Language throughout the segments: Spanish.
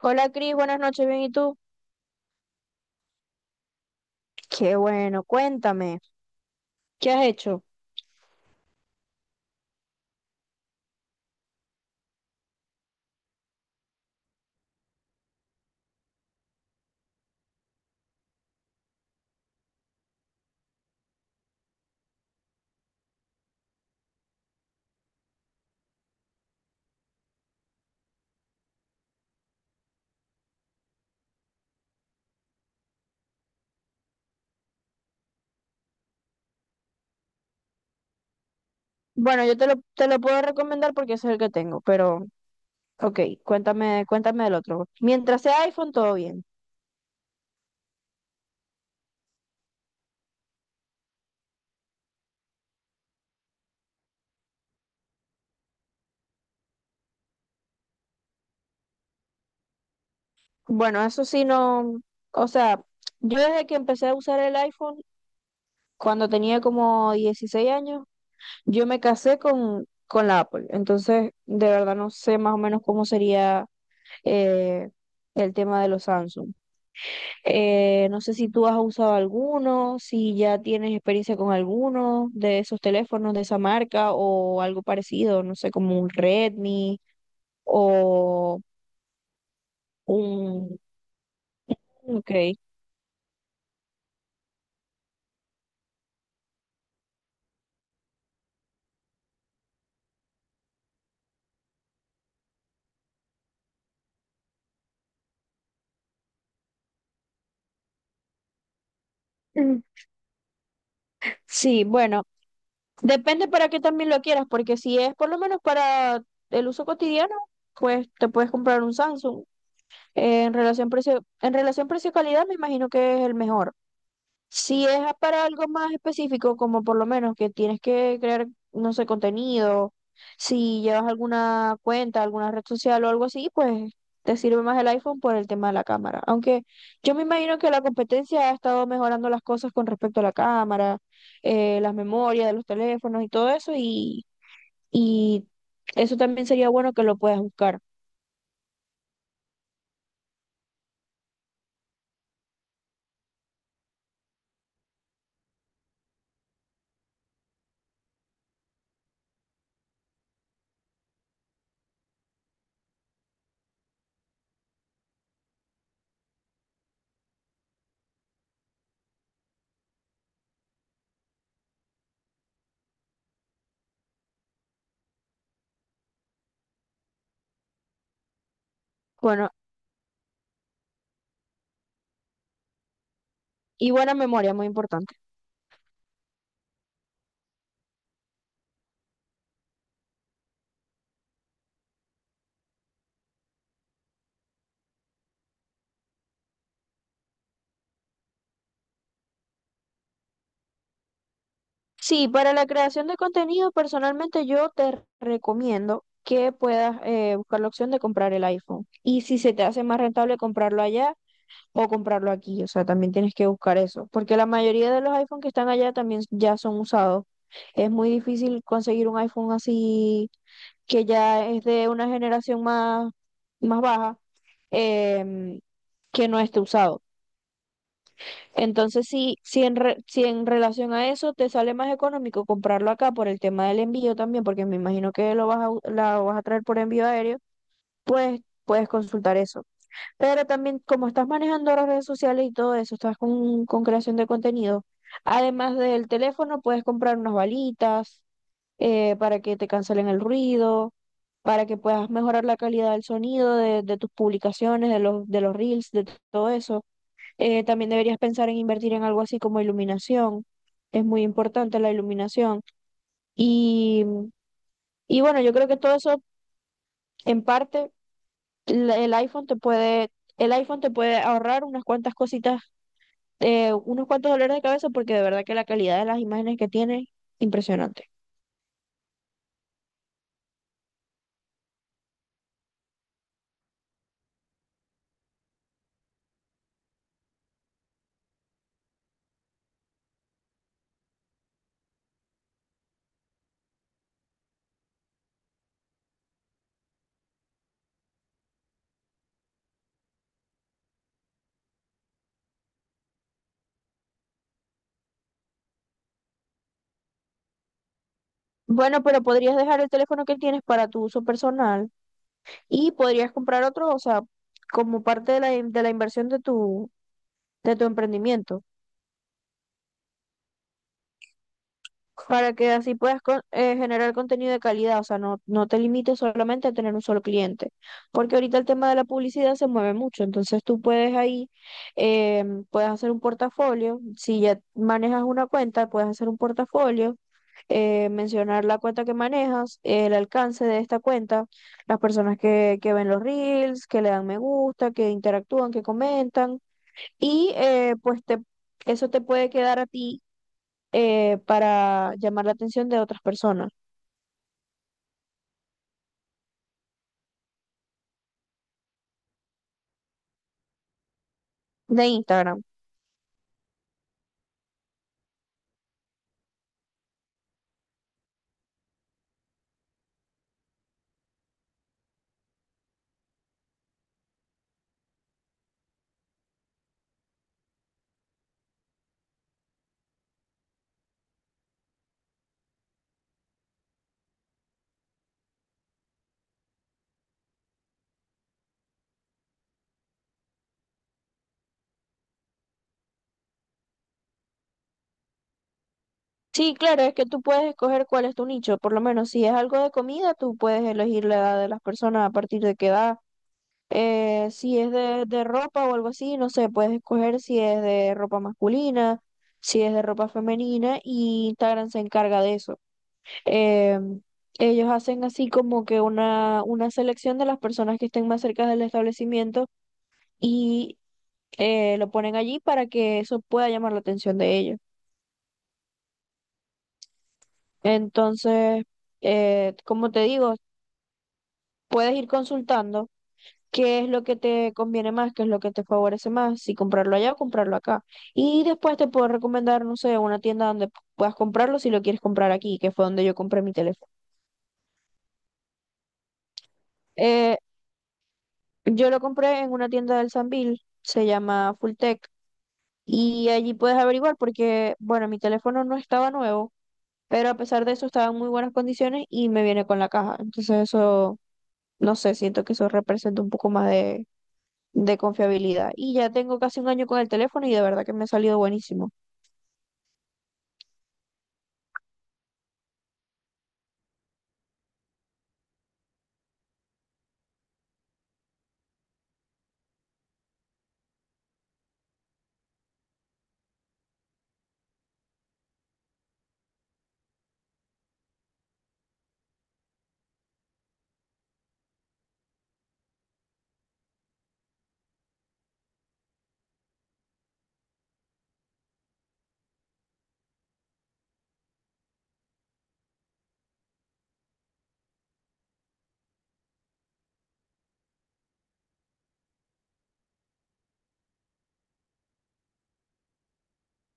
Hola Cris, buenas noches, bien, ¿y tú? Qué bueno, cuéntame, ¿qué has hecho? Bueno, yo te lo puedo recomendar porque ese es el que tengo, pero ok, cuéntame del otro. Mientras sea iPhone, todo bien. Bueno, eso sí no, o sea, yo desde que empecé a usar el iPhone, cuando tenía como 16 años, yo me casé con la Apple, entonces de verdad no sé más o menos cómo sería eh, el tema de los Samsung. No sé si tú has usado alguno, si ya tienes experiencia con alguno de esos teléfonos de esa marca o algo parecido, no sé, como un Redmi o un. Ok. Mm. Sí, bueno, depende para qué también lo quieras, porque si es por lo menos para el uso cotidiano, pues te puedes comprar un Samsung. En relación precio, en relación precio-calidad, me imagino que es el mejor. Si es para algo más específico, como por lo menos que tienes que crear, no sé, contenido, si llevas alguna cuenta, alguna red social o algo así, pues te sirve más el iPhone por el tema de la cámara. Aunque yo me imagino que la competencia ha estado mejorando las cosas con respecto a la cámara, las memorias de los teléfonos y todo eso, y eso también sería bueno que lo puedas buscar. Bueno, y buena memoria, muy importante. Sí, para la creación de contenido, personalmente yo te recomiendo que puedas buscar la opción de comprar el iPhone. Y si se te hace más rentable comprarlo allá o comprarlo aquí, o sea, también tienes que buscar eso, porque la mayoría de los iPhones que están allá también ya son usados. Es muy difícil conseguir un iPhone así que ya es de una generación más, más baja, em, que no esté usado. Entonces, si en relación a eso te sale más económico comprarlo acá por el tema del envío también, porque me imagino que lo vas a, la vas a traer por envío aéreo, pues puedes consultar eso. Pero también, como estás manejando las redes sociales y todo eso, estás con creación de contenido, además del teléfono, puedes comprar unas balitas para que te cancelen el ruido, para que puedas mejorar la calidad del sonido de tus publicaciones, de los reels, de todo eso. También deberías pensar en invertir en algo así como iluminación. Es muy importante la iluminación. Y, y bueno, yo creo que todo eso, en parte, el iPhone te puede, el iPhone te puede ahorrar unas cuantas cositas, unos cuantos dolores de cabeza, porque de verdad que la calidad de las imágenes que tiene, impresionante. Bueno, pero podrías dejar el teléfono que tienes para tu uso personal y podrías comprar otro, o sea, como parte de la, de la inversión de tu emprendimiento. Para que así puedas generar contenido de calidad, o sea, no te limites solamente a tener un solo cliente, porque ahorita el tema de la publicidad se mueve mucho, entonces tú puedes ahí, eh, puedes hacer un portafolio, si ya manejas una cuenta, puedes hacer un portafolio, mencionar la cuenta que manejas, el alcance de esta cuenta, las personas que ven los reels, que le dan me gusta, que interactúan, que comentan y pues te, eso te puede quedar a ti para llamar la atención de otras personas, de Instagram. Sí, claro, es que tú puedes escoger cuál es tu nicho, por lo menos si es algo de comida, tú puedes elegir la edad de las personas a partir de qué edad. Si es de ropa o algo así, no sé, puedes escoger si es de ropa masculina, si es de ropa femenina y Instagram se encarga de eso. Eh, Ellos hacen así como que una selección de las personas que estén más cerca del establecimiento y lo ponen allí para que eso pueda llamar la atención de ellos. Entonces, como te digo, puedes ir consultando qué es lo que te conviene más, qué es lo que te favorece más, si comprarlo allá o comprarlo acá. Y después te puedo recomendar, no sé, una tienda donde puedas comprarlo si lo quieres comprar aquí, que fue donde yo compré mi teléfono. Eh, yo lo compré en una tienda del Sambil, se llama Fulltech. Y allí puedes averiguar porque, bueno, mi teléfono no estaba nuevo, pero a pesar de eso estaba en muy buenas condiciones y me viene con la caja. Entonces eso, no sé, siento que eso representa un poco más de confiabilidad. Y ya tengo casi un año con el teléfono y de verdad que me ha salido buenísimo.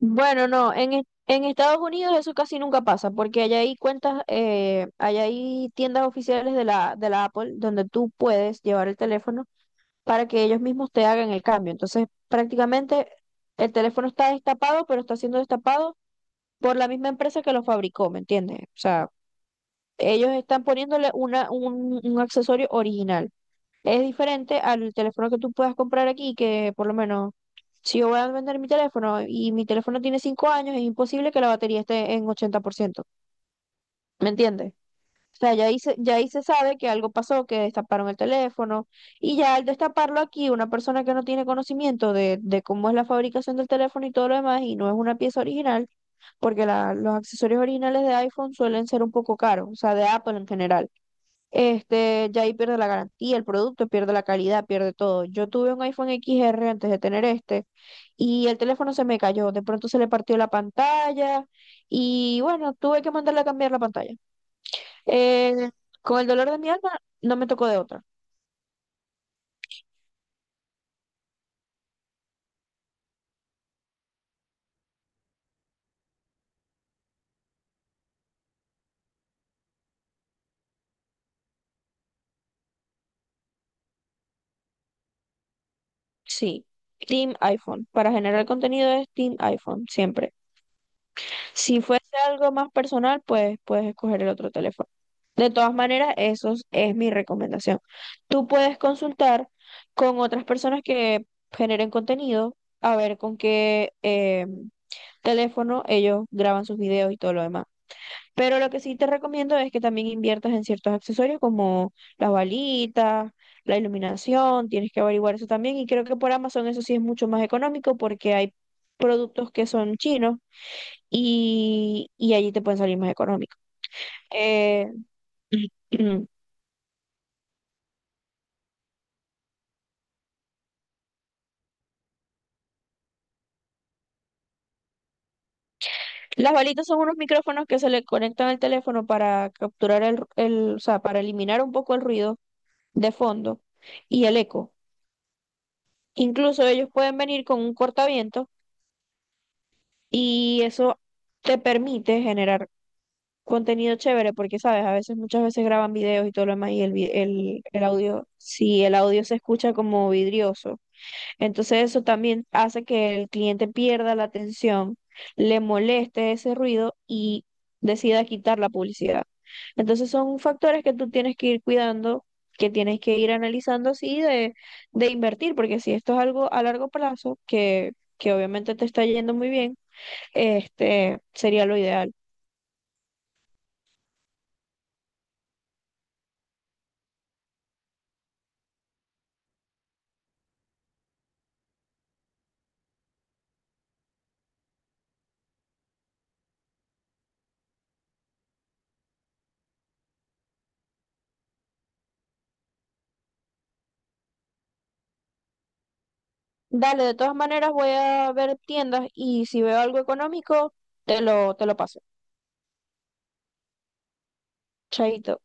Bueno, no, en Estados Unidos eso casi nunca pasa porque allá hay cuentas, allá hay tiendas oficiales de la Apple donde tú puedes llevar el teléfono para que ellos mismos te hagan el cambio. Entonces, prácticamente el teléfono está destapado, pero está siendo destapado por la misma empresa que lo fabricó, ¿me entiendes? O sea, ellos están poniéndole un accesorio original. Es diferente al teléfono que tú puedas comprar aquí, que por lo menos si yo voy a vender mi teléfono y mi teléfono tiene 5 años, es imposible que la batería esté en 80%, ¿me entiendes? O sea, ya ahí se sabe que algo pasó, que destaparon el teléfono, y ya al destaparlo aquí, una persona que no tiene conocimiento de cómo es la fabricación del teléfono y todo lo demás, y no es una pieza original, porque los accesorios originales de iPhone suelen ser un poco caros, o sea, de Apple en general. Este, ya ahí pierde la garantía, el producto pierde la calidad, pierde todo. Yo tuve un iPhone X R antes de tener este, y el teléfono se me cayó, de pronto se le partió la pantalla, y bueno, tuve que mandarle a cambiar la pantalla. Eh, con el dolor de mi alma, no me tocó de otra. Sí. Team iPhone. Para generar contenido es Team iPhone, siempre. Si fuese algo más personal, pues puedes escoger el otro teléfono. De todas maneras, eso es mi recomendación. Tú puedes consultar con otras personas que generen contenido, a ver con qué teléfono ellos graban sus videos y todo lo demás. Pero lo que sí te recomiendo es que también inviertas en ciertos accesorios como las balitas, la iluminación, tienes que averiguar eso también. Y creo que por Amazon eso sí es mucho más económico porque hay productos que son chinos y allí te pueden salir más económicos. Eh, las balitas son unos micrófonos que se le conectan al teléfono para capturar el, o sea, para eliminar un poco el ruido de fondo y el eco. Incluso ellos pueden venir con un cortaviento. Y eso te permite generar contenido chévere porque, sabes, a veces, muchas veces graban videos y todo lo demás y el, el audio, si el audio se escucha como vidrioso. Entonces eso también hace que el cliente pierda la atención, le moleste ese ruido y decida quitar la publicidad. Entonces son factores que tú tienes que ir cuidando, que tienes que ir analizando así de invertir, porque si esto es algo a largo plazo, que obviamente te está yendo muy bien, este, sería lo ideal. Dale, de todas maneras voy a ver tiendas y si veo algo económico, te lo paso. Chaito.